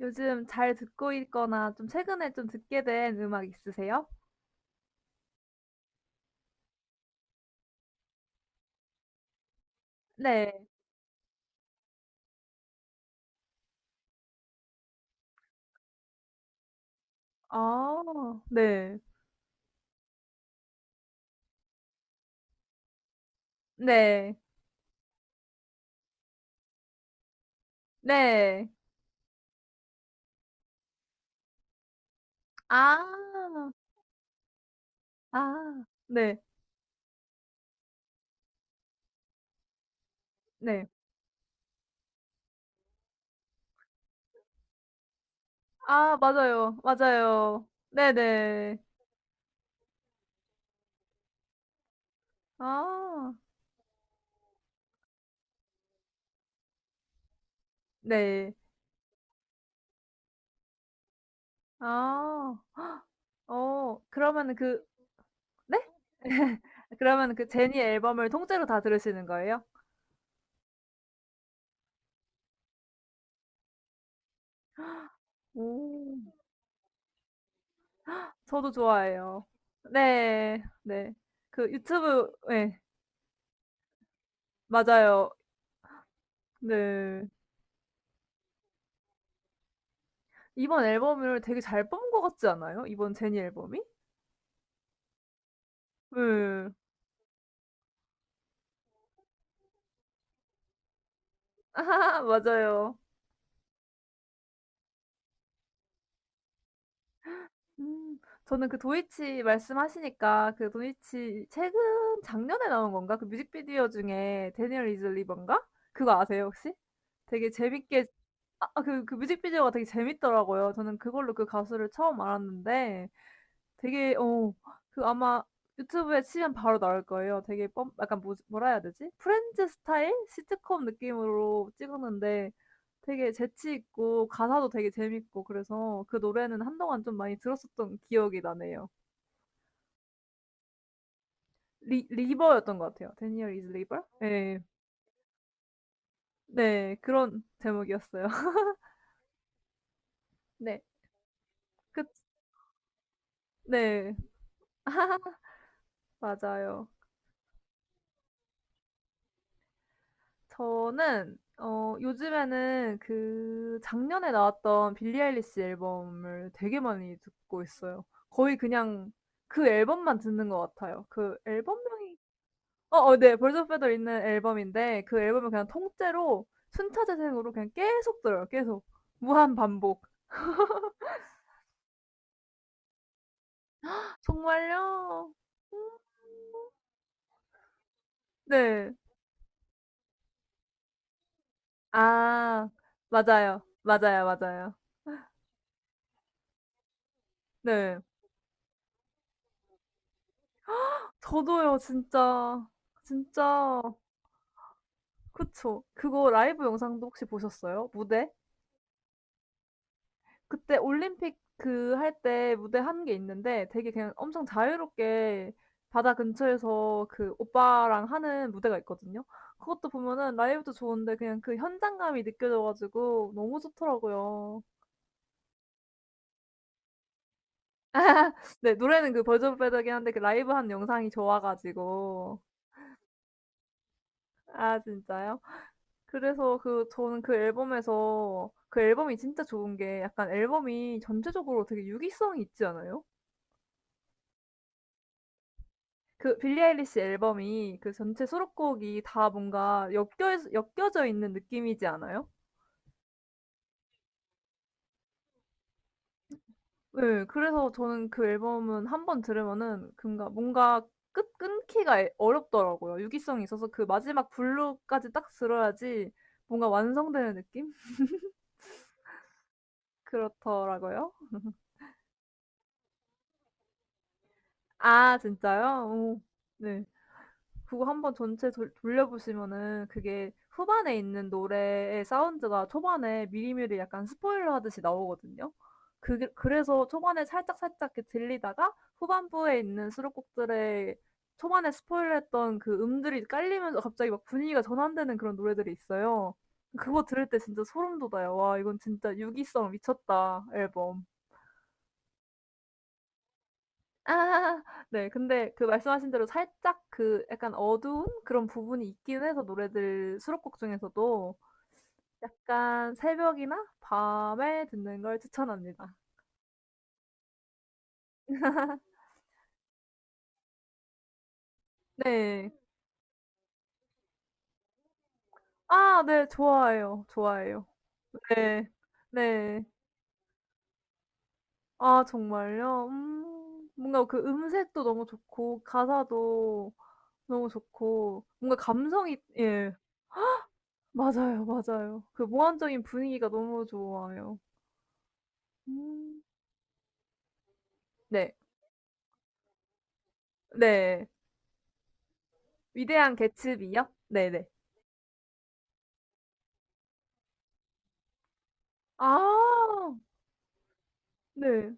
요즘 잘 듣고 있거나 좀 최근에 좀 듣게 된 음악 있으세요? 네. 아 네. 네. 네. 아. 아. 네. 네. 아 맞아요. 맞아요. 네네. 아. 네. 아. 어 그러면은 그 네? 그러면은 그 제니 앨범을 통째로 다 들으시는 거예요? 오. 저도 좋아해요. 네. 네. 그 유튜브 예. 맞아요. 네. 이번 앨범을 되게 잘 뽑은 것 같지 않아요? 이번 제니 앨범이? 예. 맞아요. 음. 저는 그 도이치 말씀하시니까 그 도이치 최근 작년에 나온 건가? 그 뮤직비디오 중에 데니얼 리즐리번가? 그거 아세요 혹시? 되게 재밌게 아 아, 그그 뮤직비디오가 되게 재밌더라고요. 저는 그걸로 그 가수를 처음 알았는데 되게 어 그 아마 유튜브에 치면 바로 나올 거예요. 되게 뻔 약간 뭐라 해야 되지? 프렌즈 스타일 시트콤 느낌으로 찍었는데 되게 재치 있고 가사도 되게 재밌고 그래서 그 노래는 한동안 좀 많이 들었었던 기억이 나네요. 리 리버였던 것 같아요. Daniel is River? 네 네. 그런 제목이었어요. 네. 그 네. 맞아요. 저는 어 요즘에는 그 작년에 나왔던 빌리 아일리시 앨범을 되게 많이 듣고 있어요. 거의 그냥 그 앨범만 듣는 것 같아요. 그 앨범명이 어어 네. 벌 i r d 있는 앨범인데 그 앨범을 그냥 통째로 순차 재생으로 그냥 계속 들어요, 계속. 무한 반복. 정말요? 음 네. 아 맞아요. 맞아요, 맞아요. 네. 저도요 진짜. 진짜 그쵸. 그거 라이브 영상도 혹시 보셨어요? 무대? 그때 올림픽 그 할 때 무대 한 게 있는데 되게 그냥 엄청 자유롭게 바다 근처에서 그 오빠랑 하는 무대가 있거든요. 그것도 보면은 라이브도 좋은데 그냥 그 현장감이 느껴져 가지고 너무 좋더라고요. 네 노래는 그 버전 빼더긴 한데 그 라이브 한 영상이 좋아 가지고. 아 진짜요? 그래서 그 저는 그 앨범에서 그 앨범이 진짜 좋은 게 약간 앨범이 전체적으로 되게 유기성이 있지 않아요? 그 빌리 아일리시 앨범이 그 전체 수록곡이 다 뭔가 엮여져 있는 느낌이지 않아요? 네 그래서 저는 그 앨범은 한번 들으면은 뭔가 뭔가 끝 끊기가 어렵더라고요. 유기성이 있어서 그 마지막 블루까지 딱 들어야지 뭔가 완성되는 느낌? 그렇더라고요. 아 진짜요? 오. 네. 그거 한번 전체 돌려보시면은 그게 후반에 있는 노래의 사운드가 초반에 미리미리 약간 스포일러 하듯이 나오거든요. 그게 그래서 초반에 살짝살짝 이렇게 들리다가 후반부에 있는 수록곡들의 초반에 스포일러했던 그 음들이 깔리면서 갑자기 막 분위기가 전환되는 그런 노래들이 있어요. 그거 들을 때 진짜 소름 돋아요. 와, 이건 진짜 유기성 미쳤다, 앨범. 아 네. 근데 그 말씀하신 대로 살짝 그 약간 어두운 그런 부분이 있긴 해서 노래들 수록곡 중에서도 약간 새벽이나 밤에 듣는 걸 추천합니다. 네. 아 네. 좋아해요, 좋아해요. 네. 네. 아 정말요? 음. 뭔가 그 음색도 너무 좋고 가사도 너무 좋고 뭔가 감성이 예. 맞아요, 맞아요. 그 몽환적인 분위기가 너무 좋아요. 음. 네. 네. 위대한 개츠비요? 네네. 아 네.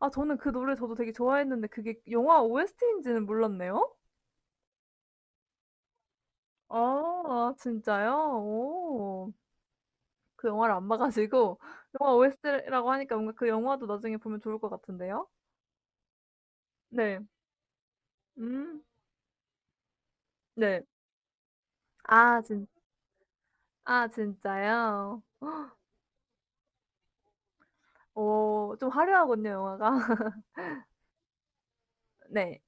아 저는 그 노래 저도 되게 좋아했는데 그게 영화 OST인지는 몰랐네요. 아 아, 진짜요? 오. 그 영화를 안 봐 가지고 영화 OST라고 하니까 뭔가 그 영화도 나중에 보면 좋을 것 같은데요. 네. 음. 네. 아 진 아 진짜요? 오 좀 화려하군요 영화가. 네.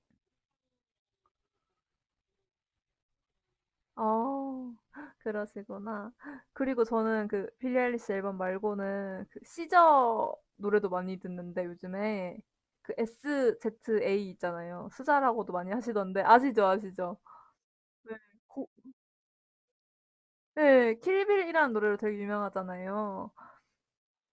어. 그러시구나. 그리고 저는 그 빌리 아일리시 앨범 말고는 그 시저 노래도 많이 듣는데 요즘에 그 SZA 있잖아요. 수자라고도 많이 하시던데 아시죠? 아시죠? 네. 고 네, 킬빌이라는 노래로 되게 유명하잖아요.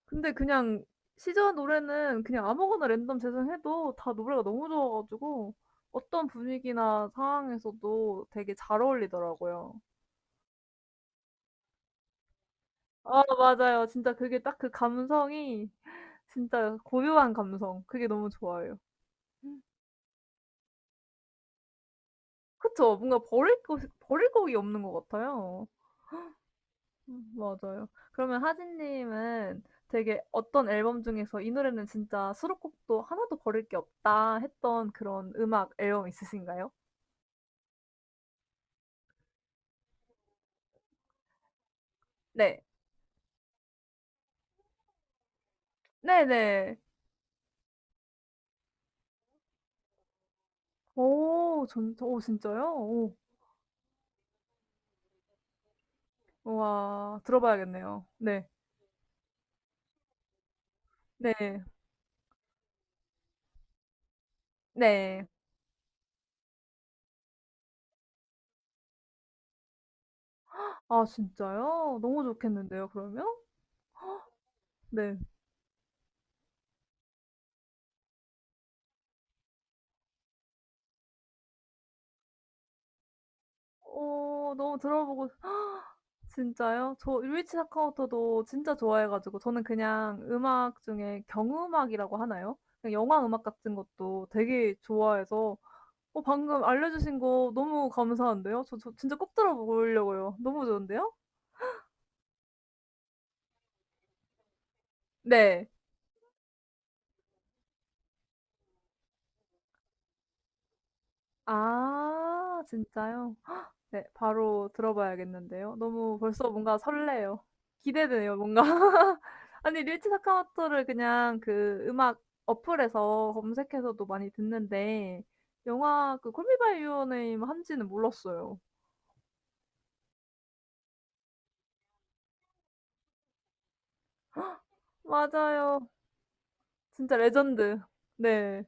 근데 그냥 시저 노래는 그냥 아무거나 랜덤 재생해도 다 노래가 너무 좋아 가지고 어떤 분위기나 상황에서도 되게 잘 어울리더라고요. 아 맞아요. 진짜 그게 딱 그 감성이 진짜 고요한 감성 그게 너무 좋아요. 그쵸. 뭔가 버릴 것이 버릴 곡이 없는 것 같아요. 맞아요. 그러면 하진 님은 되게 어떤 앨범 중에서 '이 노래는 진짜 수록곡도 하나도 버릴 게 없다.' 했던 그런 음악 앨범 있으신가요? 네. 네네. 오 전 오 진짜요? 오. 우와. 들어봐야겠네요. 네. 네. 네. 아 진짜요? 너무 좋겠는데요 그러면? 네. 어 너무 들어보고 진짜요? 저루이치 사카모토도 진짜 좋아해 가지고 저는 그냥 음악 중에 경음악이라고 하나요? 그냥 영화 음악 같은 것도 되게 좋아해서 어 방금 알려 주신 거 너무 감사한데요. 저 진짜 꼭 들어 보려고요. 너무 좋은데요? 네. 아 진짜요? 네, 바로 들어봐야겠는데요. 너무 벌써 뭔가 설레요. 기대되네요, 뭔가. 아니, 릴치 사카모토를 그냥 그 음악 어플에서 검색해서도 많이 듣는데, 영화 그 콜미 바이 유어 네임 한지는 몰랐어요. 맞아요. 진짜 레전드. 네.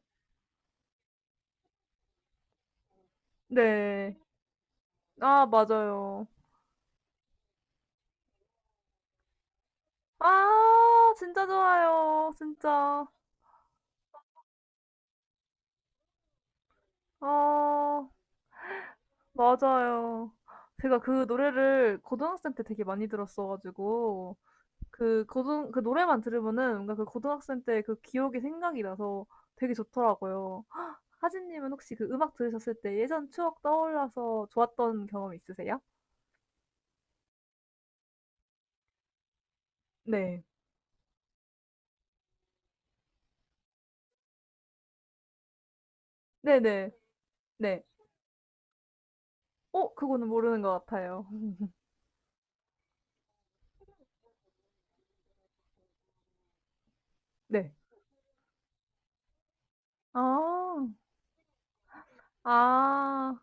네. 아, 맞아요. 아, 진짜 좋아요. 진짜. 어, 맞아요. 제가 그 노래를 고등학생 때 되게 많이 들었어가지고, 그 고등 그 노래만 들으면은 뭔가 그 고등학생 때 그 기억이 생각이 나서 되게 좋더라고요. 하진 님은 혹시 그 음악 들으셨을 때 예전 추억 떠올라서 좋았던 경험 있으세요? 네. 네네. 네. 어 그거는 모르는 것 같아요. 네. 아. 아.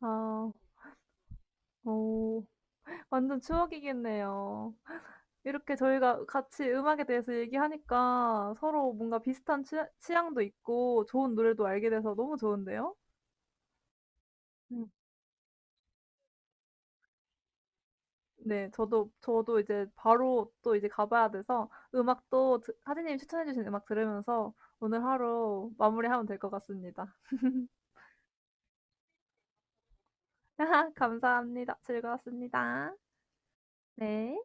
아. 오오 완전 추억이겠네요. 이렇게 저희가 같이 음악에 대해서 얘기하니까 서로 뭔가 비슷한 취 취향도 있고 좋은 노래도 알게 돼서 너무 좋은데요? 음. 네. 저도 이제 바로 또 이제 가 봐야 돼서 음악도 드 하진님이 추천해 주신 음악 들으면서 오늘 하루 마무리하면 될 것 같습니다. 감사합니다. 즐거웠습니다. 네.